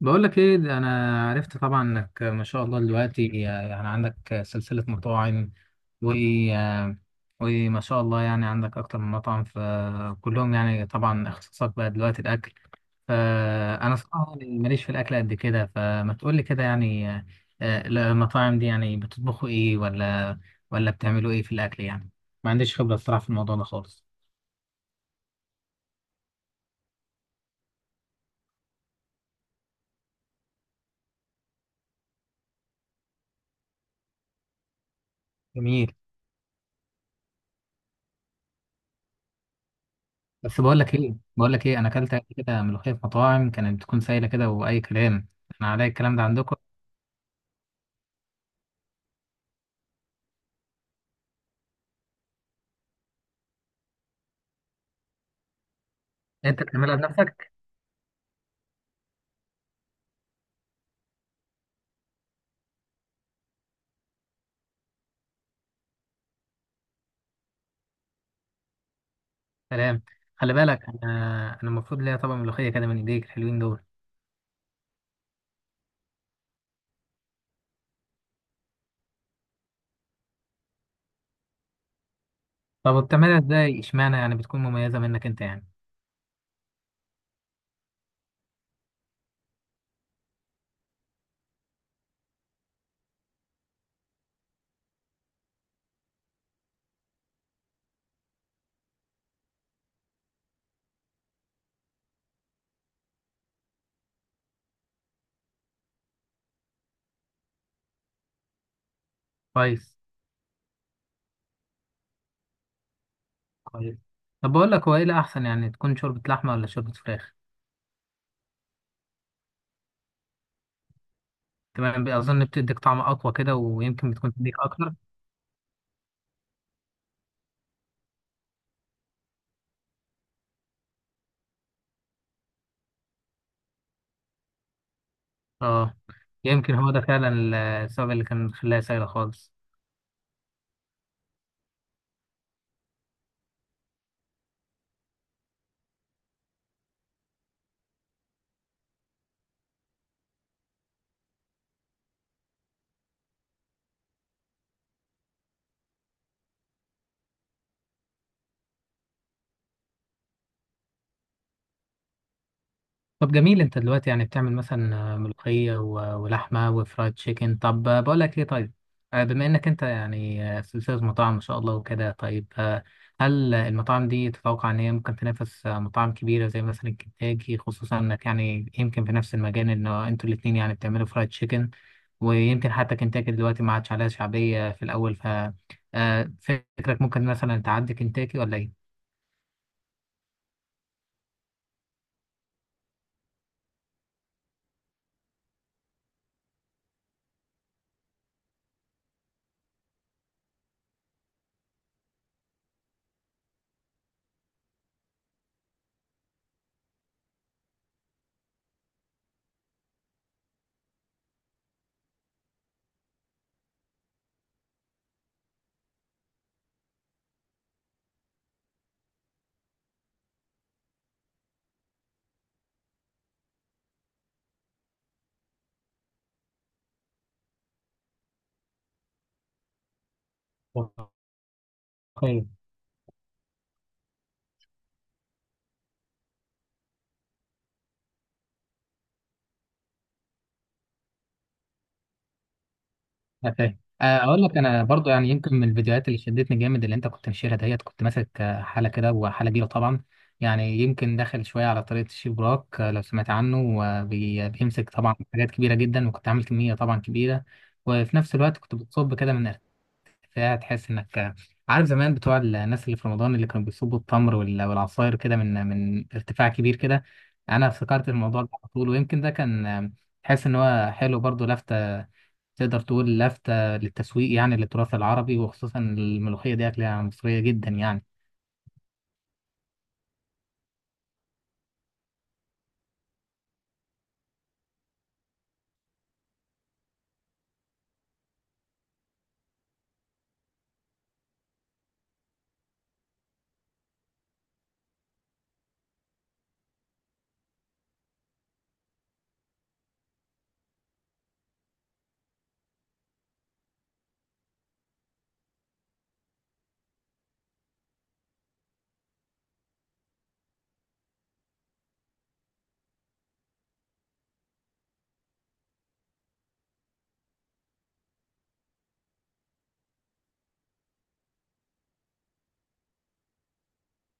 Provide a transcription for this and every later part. بقول لك ايه ده انا عرفت طبعا انك ما شاء الله دلوقتي يعني عندك سلسلة مطاعم و آه، وما شاء الله يعني عندك اكتر من مطعم، فكلهم يعني طبعا اختصاصك بقى دلوقتي الاكل. فانا صراحة يعني ماليش في الاكل قد كده، فما تقول لي كده يعني المطاعم دي يعني بتطبخوا ايه ولا بتعملوا ايه في الاكل يعني؟ ما عنديش خبرة الصراحة في الموضوع ده خالص. جميل. بس بقول لك ايه انا اكلت قبل كده ملوخيه في مطاعم كانت بتكون سايله كده واي كلام. انا عليا الكلام ده عندكم. انت بتعملها بنفسك؟ سلام. خلي بالك انا المفروض ليا طبق ملوخيه كده من ايديك الحلوين دول. طب وبتعملها ازاي؟ اشمعنى يعني بتكون مميزه منك انت يعني؟ كويس. كويس. طب بقول لك، هو ايه الاحسن، يعني تكون شوربه لحمه ولا شوربه فراخ؟ تمام. اظن بتديك طعم اقوى كده، ويمكن بتكون تديك اكتر. اه. يمكن هو ده فعلا السبب اللي كان خلاها سايله خالص. طب جميل، انت دلوقتي يعني بتعمل مثلا ملوخية ولحمة وفرايد تشيكن. طب بقول لك ايه، طيب، بما انك انت يعني سلسلة مطاعم ما شاء الله وكده، طيب، هل المطاعم دي تتوقع ان هي ممكن تنافس مطاعم كبيرة زي مثلا كنتاكي، خصوصا انك يعني يمكن في نفس المجال ان انتوا الاتنين يعني بتعملوا فرايد تشيكن، ويمكن حتى كنتاكي دلوقتي ما عادش عليها شعبية في الاول، ف فكرك ممكن مثلا تعدي كنتاكي ولا؟ ايه؟ أنا فاهم. اقول لك انا برضو، يعني يمكن من الفيديوهات اللي شدتني جامد اللي انت كنت نشيرها، ديت كنت ماسك حاله كده، وحاله كبيره طبعا، يعني يمكن داخل شويه على طريقه الشيف براك. لو سمعت عنه، بيمسك طبعا حاجات كبيره جدا، وكنت عامل كميه طبعا كبيره. وفي نفس الوقت كنت بتصب كده من ارتفاع، تحس انك عارف زمان بتوع الناس اللي في رمضان اللي كانوا بيصبوا التمر والعصاير كده من ارتفاع كبير كده. انا افتكرت الموضوع ده على طول، ويمكن ده كان تحس ان هو حلو، برضو لفته تقدر تقول لافتة للتسويق يعني للتراث العربي، وخصوصا الملوخية دي أكلة مصرية جدا يعني.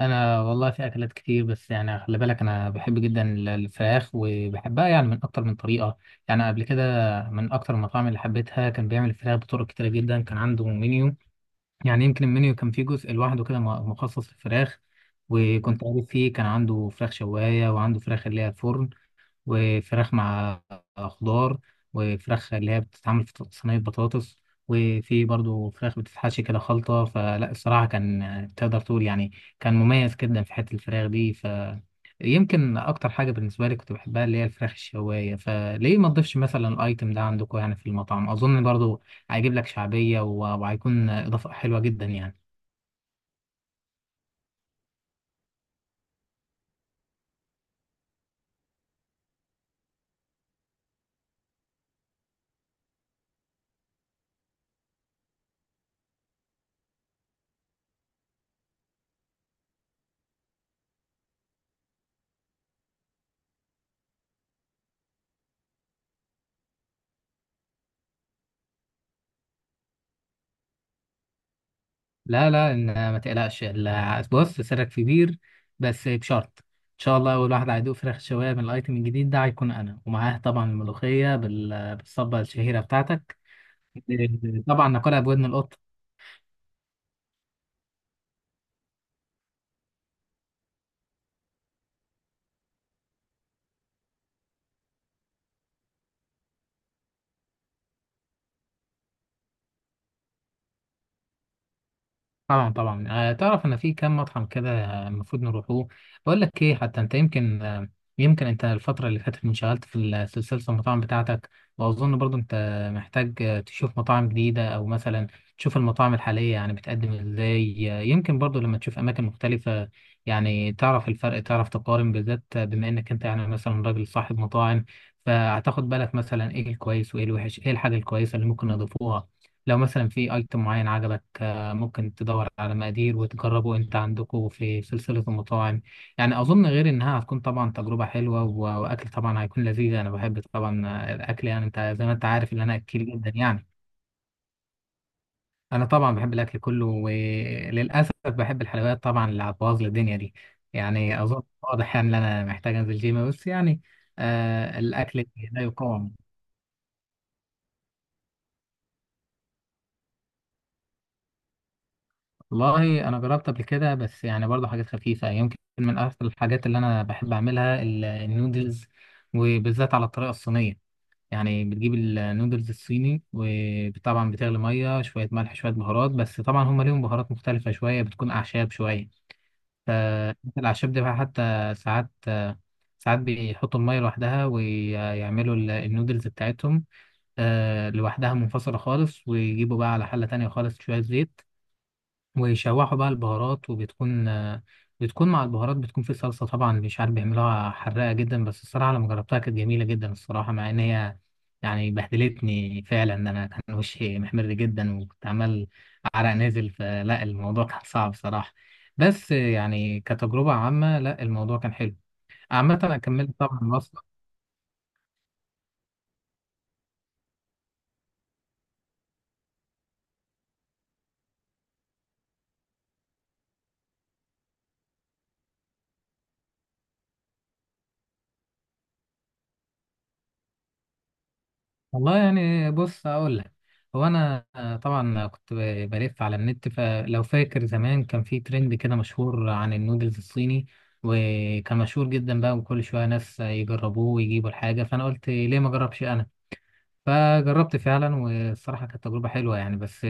أنا والله في أكلات كتير، بس يعني خلي بالك، أنا بحب جدا الفراخ، وبحبها يعني من أكتر من طريقة. يعني قبل كده من أكتر المطاعم اللي حبيتها كان بيعمل الفراخ بطرق كتيرة جدا. كان عنده منيو، يعني يمكن المنيو كان فيه جزء لوحده كده مخصص للفراخ. وكنت عارف فيه كان عنده فراخ شواية، وعنده فراخ اللي هي الفرن، وفراخ مع خضار، وفراخ اللي هي بتتعمل في صينية بطاطس، وفي برضو فراخ بتتحشي كده خلطة. فلا الصراحة كان، تقدر تقول يعني، كان مميز جدا في حتة الفراخ دي. ف يمكن أكتر حاجة بالنسبة لي كنت بحبها اللي هي الفراخ الشواية، فليه ما تضيفش مثلا الأيتم ده عندكم يعني في المطعم؟ أظن برضو هيجيب لك شعبية، وهيكون إضافة حلوة جدا يعني. لا لا، إن ما تقلقش، بص، سرك كبير، بس بشرط ان شاء الله اول واحد هيدوق فراخ شوايه من الايتم الجديد ده هيكون انا، ومعاه طبعا الملوخيه بالصبه الشهيره بتاعتك. طبعا ناكلها بودن القط. طبعا طبعا. تعرف ان في كام مطعم كده المفروض نروحوه. بقول لك ايه، حتى انت يمكن يمكن انت الفتره اللي فاتت انشغلت في سلسله المطاعم بتاعتك، واظن برضو انت محتاج تشوف مطاعم جديده، او مثلا تشوف المطاعم الحاليه يعني بتقدم ازاي. يمكن برضو لما تشوف اماكن مختلفه يعني تعرف الفرق، تعرف تقارن، بالذات بما انك انت يعني مثلا راجل صاحب مطاعم، فهتاخد بالك مثلا ايه الكويس وايه الوحش، ايه الحاجه الكويسه اللي ممكن نضيفوها. لو مثلا في ايتم معين عجبك، ممكن تدور على مقادير وتجربه انت عندكم في سلسلة المطاعم. يعني اظن غير انها هتكون طبعا تجربة حلوة واكل طبعا هيكون لذيذ. انا بحب طبعا الاكل، يعني انت زي ما انت عارف ان انا اكيل جدا يعني. انا طبعا بحب الاكل كله، وللاسف بحب الحلويات طبعا اللي هتبوظ لي الدنيا دي. يعني اظن واضح يعني ان انا محتاج انزل جيم، بس يعني آه الاكل لا يقاوم. والله انا جربت قبل كده، بس يعني برضه حاجات خفيفه. يمكن من اكثر الحاجات اللي انا بحب اعملها النودلز، وبالذات على الطريقه الصينيه. يعني بتجيب النودلز الصيني، وطبعا بتغلي ميه، شويه ملح، شويه بهارات، بس طبعا هم ليهم بهارات مختلفه شويه، بتكون اعشاب شويه. فالاعشاب دي بقى حتى ساعات، ساعات بيحطوا الميه لوحدها ويعملوا النودلز بتاعتهم لوحدها منفصله خالص، ويجيبوا بقى على حله تانية خالص شويه زيت، ويشوحوا بقى البهارات، وبتكون بتكون مع البهارات، بتكون في صلصة طبعا مش عارف بيعملوها حراقة جدا. بس الصراحة لما جربتها كانت جميلة جدا الصراحة، مع ان هي يعني بهدلتني فعلا، إن انا كان وشي محمر جدا، وكنت عمال عرق نازل، فلا الموضوع كان صعب صراحة. بس يعني كتجربة عامة لا الموضوع كان حلو. عامة انا كملت طبعا الوصفة. والله يعني بص اقول لك، هو انا طبعا كنت بلف على النت، فلو فاكر زمان كان في ترند كده مشهور عن النودلز الصيني، وكان مشهور جدا بقى، وكل شويه ناس يجربوه ويجيبوا الحاجه، فانا قلت ليه ما اجربش انا. فجربت فعلا، والصراحة كانت تجربة حلوة يعني. بس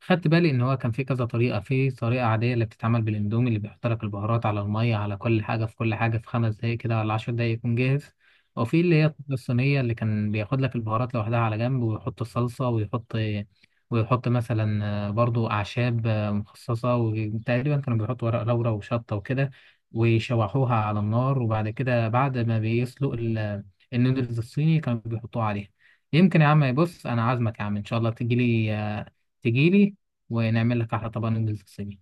خدت بالي إن هو كان في كذا طريقة. في طريقة عادية اللي بتتعمل بالإندومي اللي بيحط لك البهارات على المية، على كل حاجة، في كل حاجة، في 5 دقايق كده ولا 10 دقايق يكون جاهز. وفي اللي هي الطريقة الصينية اللي كان بياخد لك البهارات لوحدها على جنب، ويحط الصلصة، ويحط مثلا برضو أعشاب مخصصة، وتقريبا كانوا بيحطوا ورق لورا وشطة وكده، ويشوحوها على النار. وبعد كده بعد ما بيسلق النودلز الصيني كانوا بيحطوها عليها. يمكن يا عم، بص انا عازمك يا عم ان شاء الله تجيلي، تجيلي ونعمل لك احلى طبق نودلز صيني.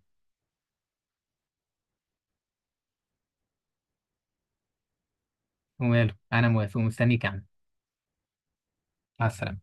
وماله، انا موافق ومستنيك يا عم. مع السلامه.